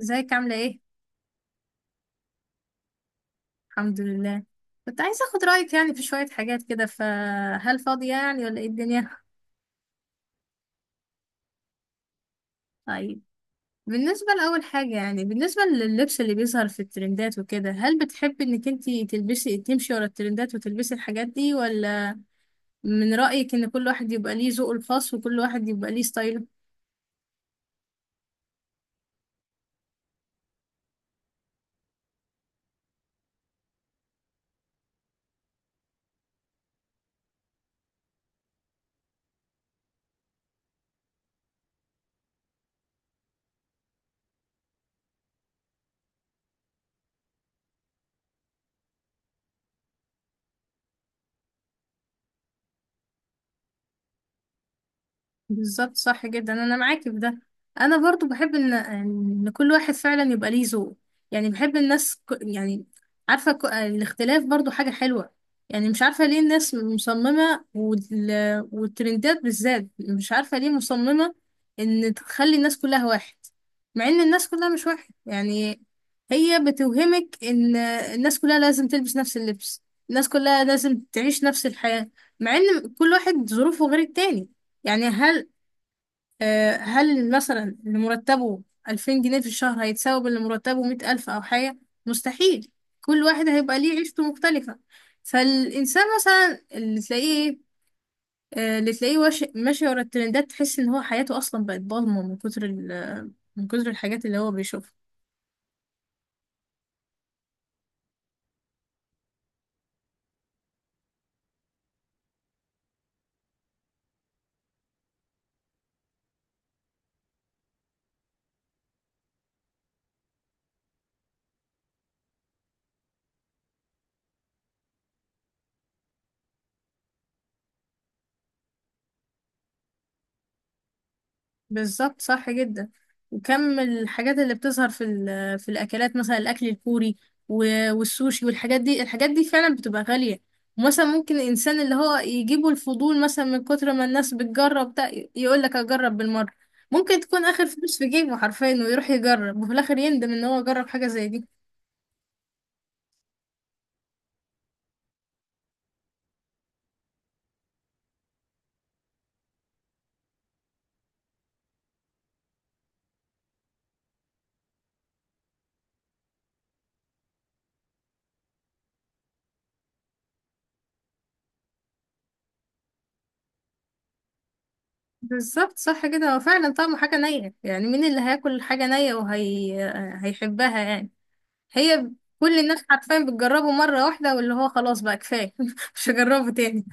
ازيك عاملة ايه؟ الحمد لله. كنت عايزة اخد رأيك يعني في شوية حاجات كده، فهل فاضية يعني ولا ايه الدنيا؟ طيب. بالنسبة لأول حاجة، يعني بالنسبة لللبس اللي بيظهر في الترندات وكده، هل بتحبي انك انتي تلبسي تمشي ورا الترندات وتلبسي الحاجات دي، ولا من رأيك ان كل واحد يبقى ليه ذوقه الخاص وكل واحد يبقى ليه ستايله؟ بالظبط، صح جدا، انا معاكي في ده. انا برضو بحب ان كل واحد فعلا يبقى ليه ذوق. يعني بحب الناس يعني، عارفه، الاختلاف برضو حاجه حلوه. يعني مش عارفه ليه الناس مصممه، والترندات بالذات، مش عارفه ليه مصممه ان تخلي الناس كلها واحد، مع ان الناس كلها مش واحد يعني. هي بتوهمك ان الناس كلها لازم تلبس نفس اللبس، الناس كلها لازم تعيش نفس الحياه، مع ان كل واحد ظروفه غير التاني. يعني هل، هل مثلا اللي مرتبه 2000 جنيه في الشهر هيتساوي باللي مرتبه 100,000 أو حاجة؟ مستحيل. كل واحد هيبقى ليه عيشته مختلفة. فالإنسان مثلا اللي تلاقيه إيه، آه، اللي تلاقيه ماشي ورا الترندات، تحس إن هو حياته أصلا بقت ضلمة من كتر من كتر الحاجات اللي هو بيشوفها. بالظبط، صح جدا. وكم الحاجات اللي بتظهر في في الاكلات، مثلا الاكل الكوري والسوشي والحاجات دي، الحاجات دي فعلا بتبقى غالية. ومثلا ممكن الانسان اللي هو يجيبه الفضول مثلا من كتر ما الناس بتجرب ده، يقول لك اجرب بالمرة. ممكن تكون اخر فلوس في جيبه حرفيا ويروح يجرب، وفي الاخر يندم ان هو جرب حاجة زي دي. بالظبط، صح كده. هو فعلا طعمه حاجة نية، يعني مين اللي هياكل حاجة نية وهي هيحبها يعني؟ هي كل الناس حرفيا بتجربه مرة واحدة واللي هو خلاص بقى كفاية مش هجربه تاني.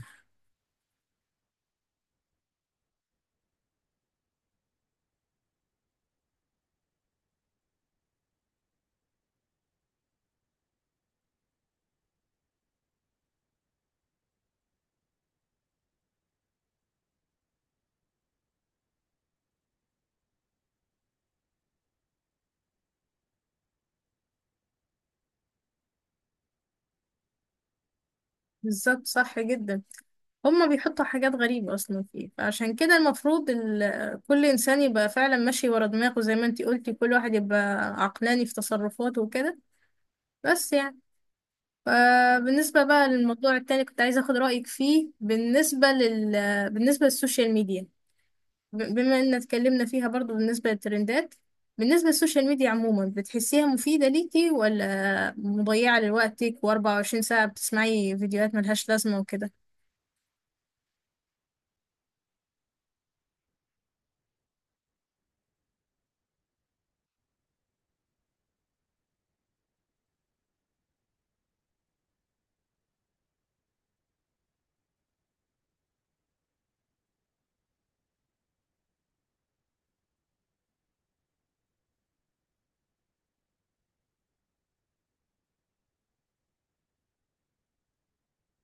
بالظبط، صح جدا. هما بيحطوا حاجات غريبة أصلا فيه، فعشان كده المفروض كل إنسان يبقى فعلا ماشي ورا دماغه، زي ما انتي قلتي، كل واحد يبقى عقلاني في تصرفاته وكده. بس يعني، فبالنسبة بقى للموضوع التاني كنت عايزة أخد رأيك فيه. بالنسبة للسوشيال ميديا، بما ان اتكلمنا فيها برضو بالنسبة للترندات، بالنسبة للسوشيال ميديا عموما، بتحسيها مفيدة ليكي ولا مضيعة لوقتك و24 ساعة بتسمعي فيديوهات ملهاش لازمة وكده؟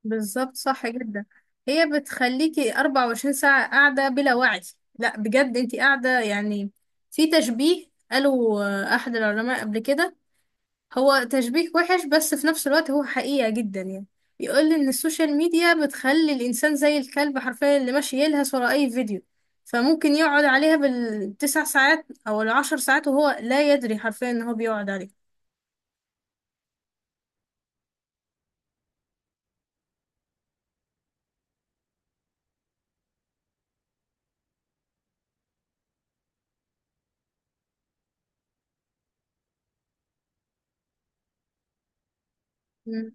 بالظبط، صح جدا. هي بتخليكي 24 ساعة قاعدة بلا وعي. لا بجد، انتي قاعدة يعني. في تشبيه قالوا احد العلماء قبل كده، هو تشبيه وحش بس في نفس الوقت هو حقيقة جدا يعني، بيقول ان السوشيال ميديا بتخلي الانسان زي الكلب حرفيا، اللي ماشي يلهث ورا اي فيديو. فممكن يقعد عليها بالتسع ساعات او العشر ساعات وهو لا يدري حرفيا ان هو بيقعد عليها. مم.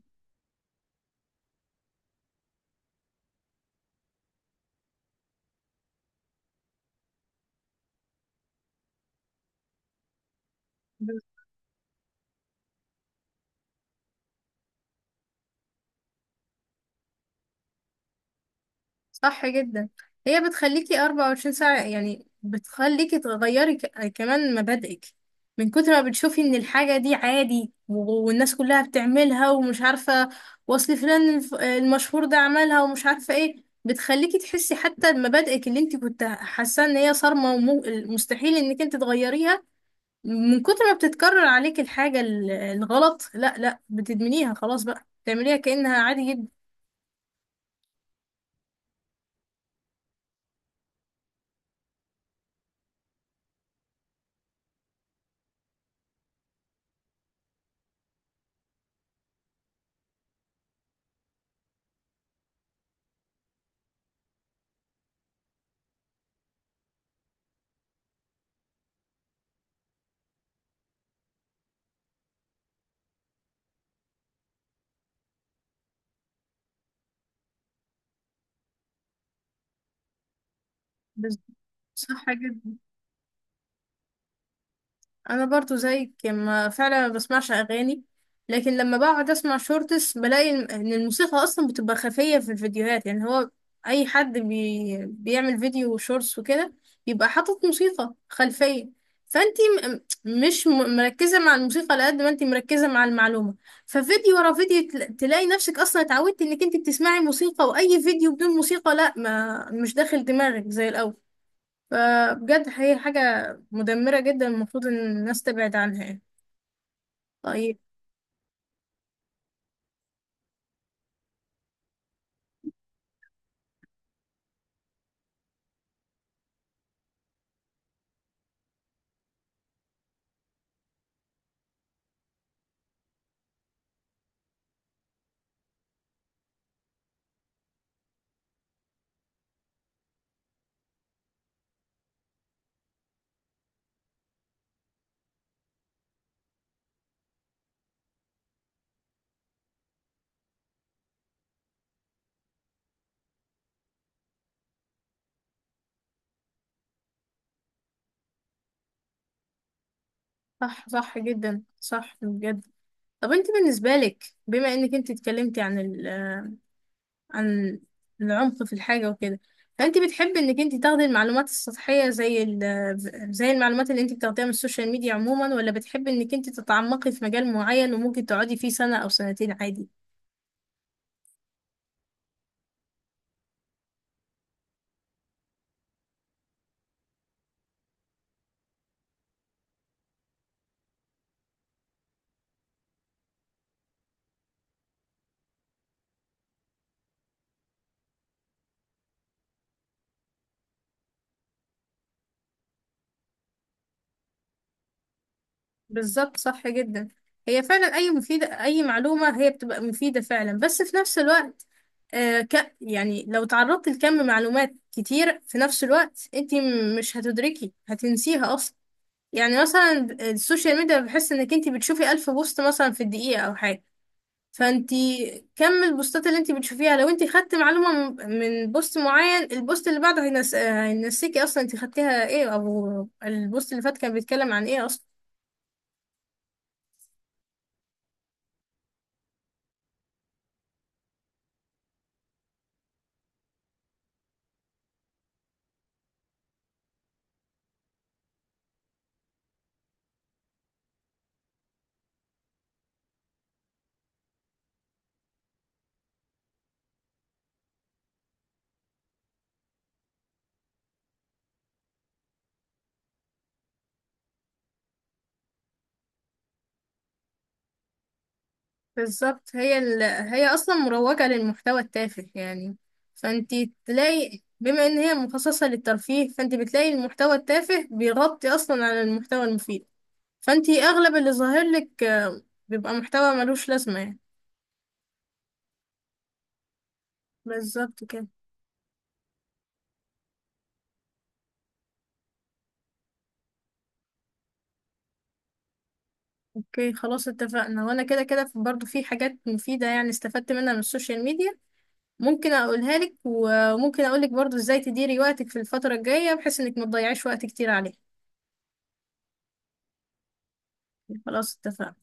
صح جدا. هي بتخليكي 24 ساعة، يعني بتخليكي تغيري كمان مبادئك من كتر ما بتشوفي ان الحاجة دي عادي والناس كلها بتعملها، ومش عارفة وصل فلان المشهور ده عملها، ومش عارفة ايه. بتخليكي تحسي حتى مبادئك اللي انت كنت حاسة ان هي صارمة ومستحيل انك انت تغيريها، من كتر ما بتتكرر عليك الحاجة الغلط، لا لا، بتدمنيها، خلاص بقى تعمليها كأنها عادي جدا. بس- صح جدا. انا برضو زيك، يعني ما فعلا ما بسمعش اغاني، لكن لما بقعد اسمع شورتس بلاقي ان الموسيقى اصلا بتبقى خفية في الفيديوهات. يعني هو اي حد بيعمل فيديو شورتس وكده بيبقى حاطط موسيقى خلفية. فانتي م... م- مش م... مركزة مع الموسيقى على قد ما انتي مركزة مع المعلومة. ففيديو ورا فيديو تلاقي نفسك اصلا اتعودتي انك انتي بتسمعي موسيقى، واي فيديو بدون موسيقى لا، ما مش داخل دماغك زي الاول. فبجد هي حاجة مدمرة جدا، المفروض ان الناس تبعد عنها يعني. طيب. صح، صح جدا، صح بجد. طب انت بالنسبة لك، بما انك انت اتكلمتي عن العمق في الحاجة وكده، فانت بتحبي انك انت تاخدي المعلومات السطحية، زي المعلومات اللي انت بتاخديها من السوشيال ميديا عموما، ولا بتحبي انك انت تتعمقي في مجال معين وممكن تقعدي فيه سنة او سنتين عادي؟ بالظبط، صح جدا. هي فعلا اي معلومة هي بتبقى مفيدة فعلا، بس في نفس الوقت آه ك يعني لو تعرضت لكم معلومات كتير في نفس الوقت، انت مش هتدركي، هتنسيها اصلا. يعني مثلا السوشيال ميديا، بحس انك انت بتشوفي ألف بوست مثلا في الدقيقة او حاجة. فانت كم البوستات اللي انت بتشوفيها، لو انت خدت معلومة من بوست معين، البوست اللي بعده هينسيكي اصلا انت خدتيها ايه، او البوست اللي فات كان بيتكلم عن ايه اصلا. بالظبط. هي اصلا مروجة للمحتوى التافه يعني. فانت تلاقي بما ان هي مخصصة للترفيه، فانت بتلاقي المحتوى التافه بيغطي اصلا على المحتوى المفيد. فانت اغلب اللي ظاهر لك بيبقى محتوى ملوش لازمة يعني. بالظبط كده. اوكي، خلاص، اتفقنا. وانا كده كده برضو في حاجات مفيدة يعني، استفدت منها من السوشيال ميديا. ممكن اقولها لك، وممكن اقولك برضو ازاي تديري وقتك في الفترة الجاية بحيث انك ما تضيعيش وقت كتير عليه. خلاص، اتفقنا.